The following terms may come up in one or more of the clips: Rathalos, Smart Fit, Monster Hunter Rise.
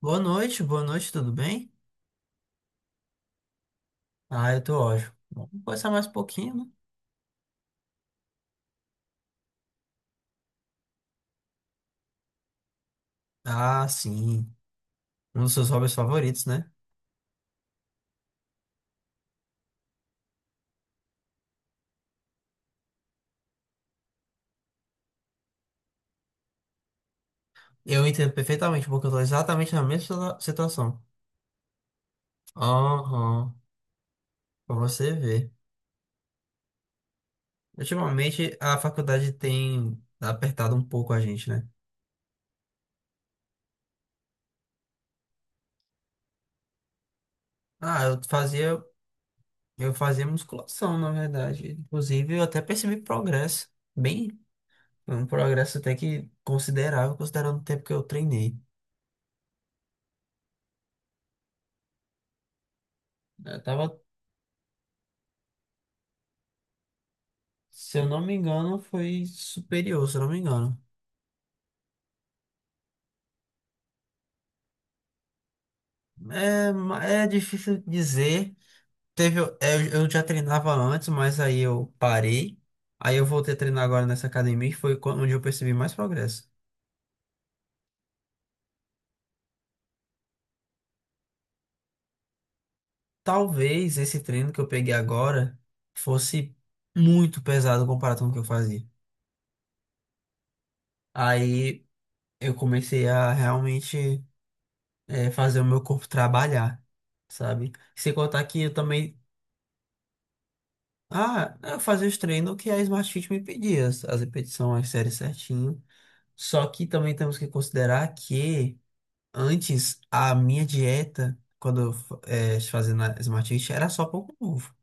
Boa noite, tudo bem? Ah, eu tô ótimo. Vamos conversar mais um pouquinho, né? Ah, sim. Um dos seus hobbies favoritos, né? Eu entendo perfeitamente, porque eu tô exatamente na mesma situação. Aham, pra você ver. Ultimamente, a faculdade tem apertado um pouco a gente, né? Ah, eu fazia musculação, na verdade. Inclusive, eu até percebi progresso. Bem, um progresso até que considerável, considerando o tempo que eu treinei. Eu tava Se eu não me engano, foi superior, se eu não me engano. É, é difícil dizer. Teve, é, eu já treinava antes, mas aí eu parei. Aí eu voltei a treinar agora nessa academia, que foi onde eu percebi mais progresso. Talvez esse treino que eu peguei agora fosse muito pesado comparado com o que eu fazia. Aí eu comecei a realmente fazer o meu corpo trabalhar, sabe? Sem contar que eu também. Ah, eu fazia os treinos que a Smart Fit me pedia, as repetições, as séries certinho. Só que também temos que considerar que antes a minha dieta, quando eu fazia na Smart Fit, era só pouco novo.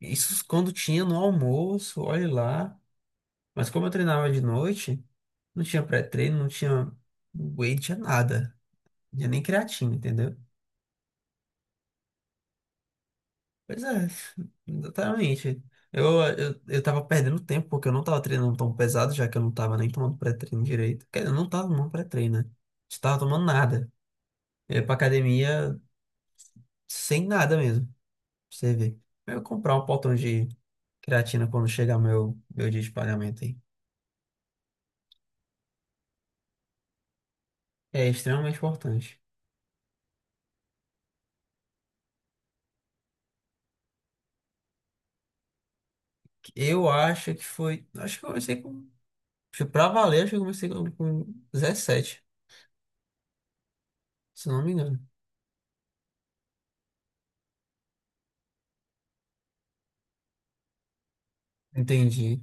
Isso quando tinha no almoço, olhe lá. Mas como eu treinava de noite, não tinha pré-treino, não tinha whey, não tinha nada. Não tinha nem creatina, entendeu? Pois é, exatamente. Eu tava perdendo tempo porque eu não tava treinando tão pesado, já que eu não tava nem tomando pré-treino direito. Quer dizer, eu não tava tomando pré-treino, né? Não tava tomando nada. Eu ia pra academia sem nada mesmo, pra você ver. Eu ia comprar um potão de creatina quando chegar meu dia de pagamento aí. É extremamente importante. Eu acho que foi. Acho que eu comecei com. Acho que Pra valer, acho que eu comecei com 17, se eu não me engano. Entendi,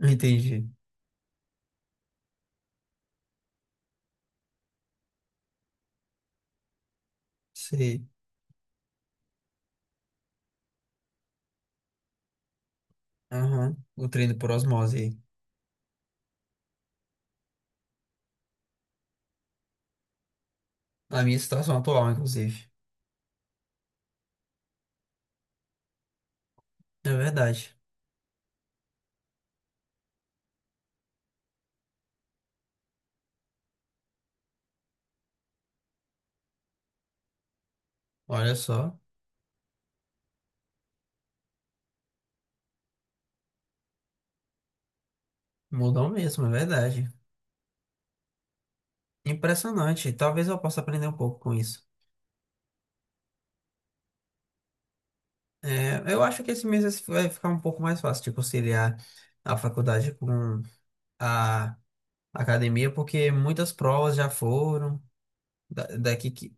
entendi. Sei. Aham, o treino por osmose aí. Na minha situação atual, inclusive. É verdade. Olha só, mudou mesmo, é verdade. Impressionante. Talvez eu possa aprender um pouco com isso. É, eu acho que esse mês vai ficar um pouco mais fácil de conciliar a faculdade com a academia, porque muitas provas já foram. Da- Daqui que,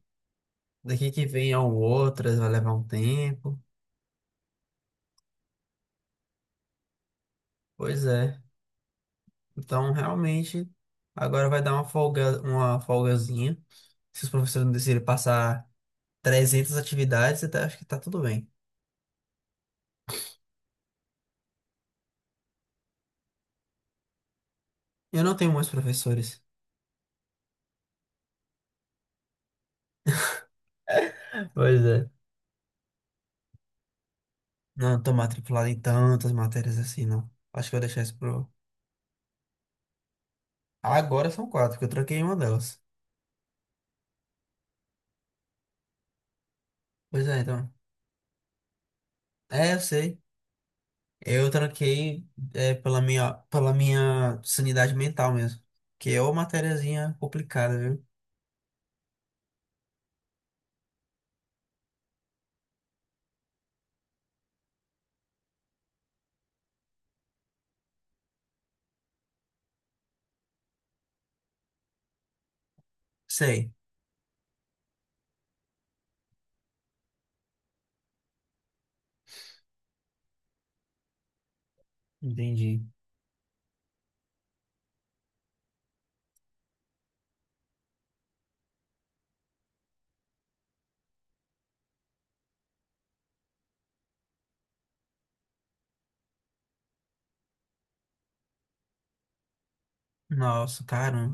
daqui que vem a outras, vai levar um tempo. Pois é. Então, realmente, agora vai dar uma folga, uma folgazinha. Se os professores não decidirem passar 300 atividades, até acho que tá tudo bem. Eu não tenho muitos professores. Pois é. Não tô matriculado em tantas matérias assim, não. Acho que eu vou deixar isso pro... Agora são quatro, porque eu tranquei uma delas. Pois é, então. É, eu sei. Eu tranquei pela minha sanidade mental mesmo. Que é uma matériazinha complicada, viu? Sei. Entendi. Nossa, cara.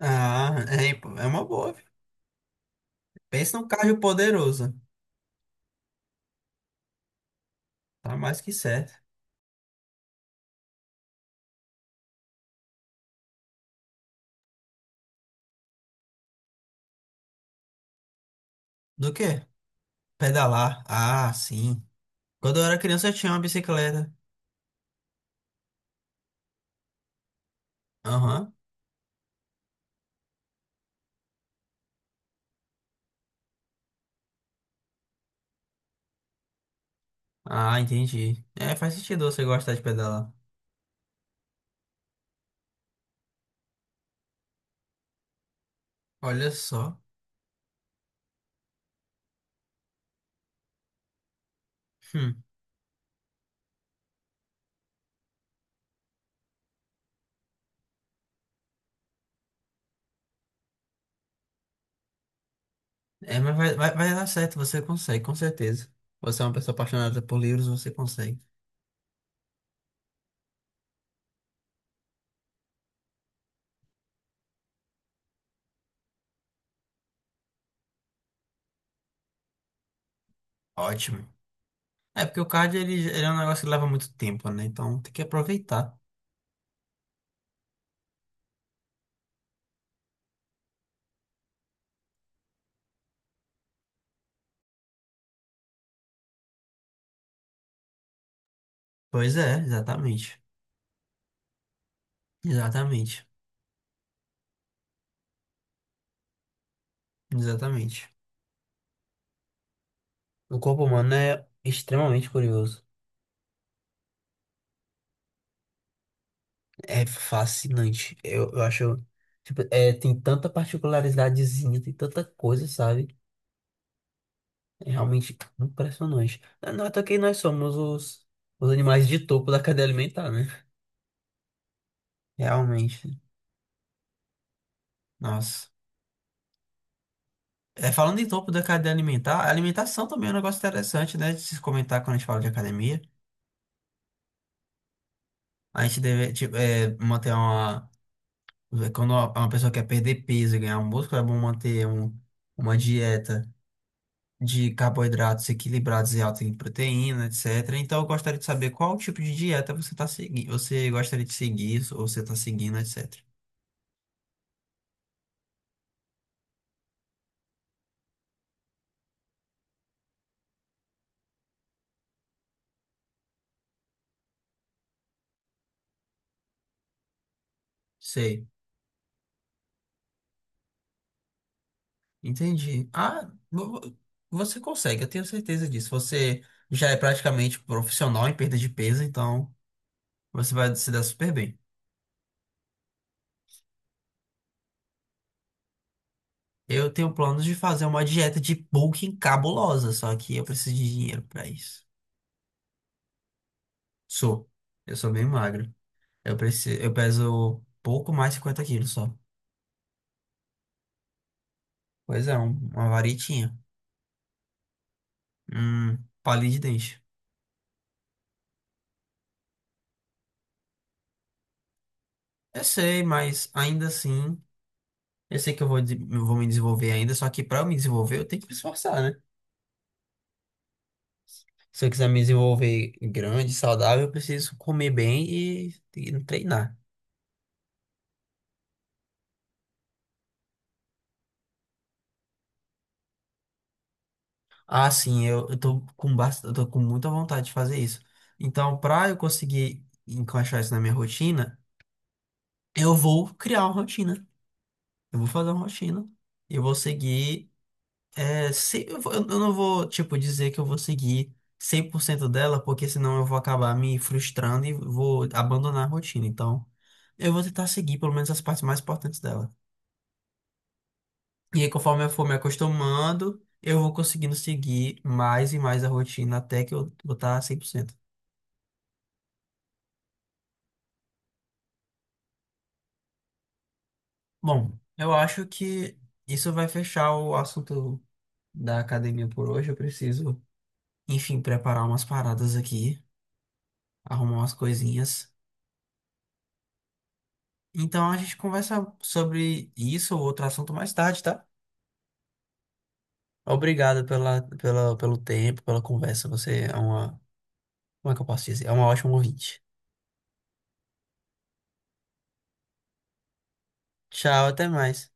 Ah, é uma boa, viu? Pensa num cardio poderoso. Tá mais que certo. Do quê? Pedalar. Ah, sim. Quando eu era criança eu tinha uma bicicleta. Aham. Ah, entendi. É, faz sentido você gostar de pedalar. Olha só. Hum. É, mas vai, vai, vai dar certo, você consegue, com certeza. Você é uma pessoa apaixonada por livros, você consegue. Ótimo. É porque o cardio ele é um negócio que leva muito tempo, né? Então tem que aproveitar. Pois é, exatamente. Exatamente. Exatamente. O corpo humano é extremamente curioso. É fascinante. Eu acho. Tipo, tem tanta particularidadezinha, tem tanta coisa, sabe? É realmente impressionante. Não é até que nós somos os animais de topo da cadeia alimentar, né? Realmente. Nossa. É, falando em topo da cadeia alimentar, a alimentação também é um negócio interessante, né? De se comentar quando a gente fala de academia. A gente deve, tipo, manter uma. Quando uma pessoa quer perder peso e ganhar músculo, é bom manter uma dieta de carboidratos equilibrados e alto em proteína, etc. Então, eu gostaria de saber qual tipo de dieta você está seguindo, você gostaria de seguir ou você está seguindo, etc. Sei, entendi. Ah, você consegue, eu tenho certeza disso. Você já é praticamente profissional em perda de peso, então você vai se dar super bem. Eu tenho planos de fazer uma dieta de bulking cabulosa, só que eu preciso de dinheiro para isso. Sou, eu sou bem magro. Eu peso pouco mais de 50 quilos só. Pois é, uma varitinha. Um palito de dente. Eu sei, mas ainda assim, eu sei que eu vou me desenvolver ainda, só que pra eu me desenvolver, eu tenho que me esforçar, né? Se eu quiser me desenvolver grande, saudável, eu preciso comer bem e treinar. Ah, sim, eu tô com muita vontade de fazer isso. Então, pra eu conseguir encaixar isso na minha rotina, eu vou criar uma rotina. Eu vou fazer uma rotina. E eu vou seguir. É, se, eu, vou- eu não vou, tipo, dizer que eu vou seguir 100% dela, porque senão eu vou acabar me frustrando e vou abandonar a rotina. Então, eu vou tentar seguir pelo menos as partes mais importantes dela. E aí, conforme eu for me acostumando, eu vou conseguindo seguir mais e mais a rotina até que eu vou estar 100%. Bom, eu acho que isso vai fechar o assunto da academia por hoje. Eu preciso, enfim, preparar umas paradas aqui, arrumar umas coisinhas. Então a gente conversa sobre isso ou outro assunto mais tarde, tá? Obrigado pelo tempo, pela conversa. Você é uma, como é que eu posso dizer? É uma ótima ouvinte. Tchau, até mais.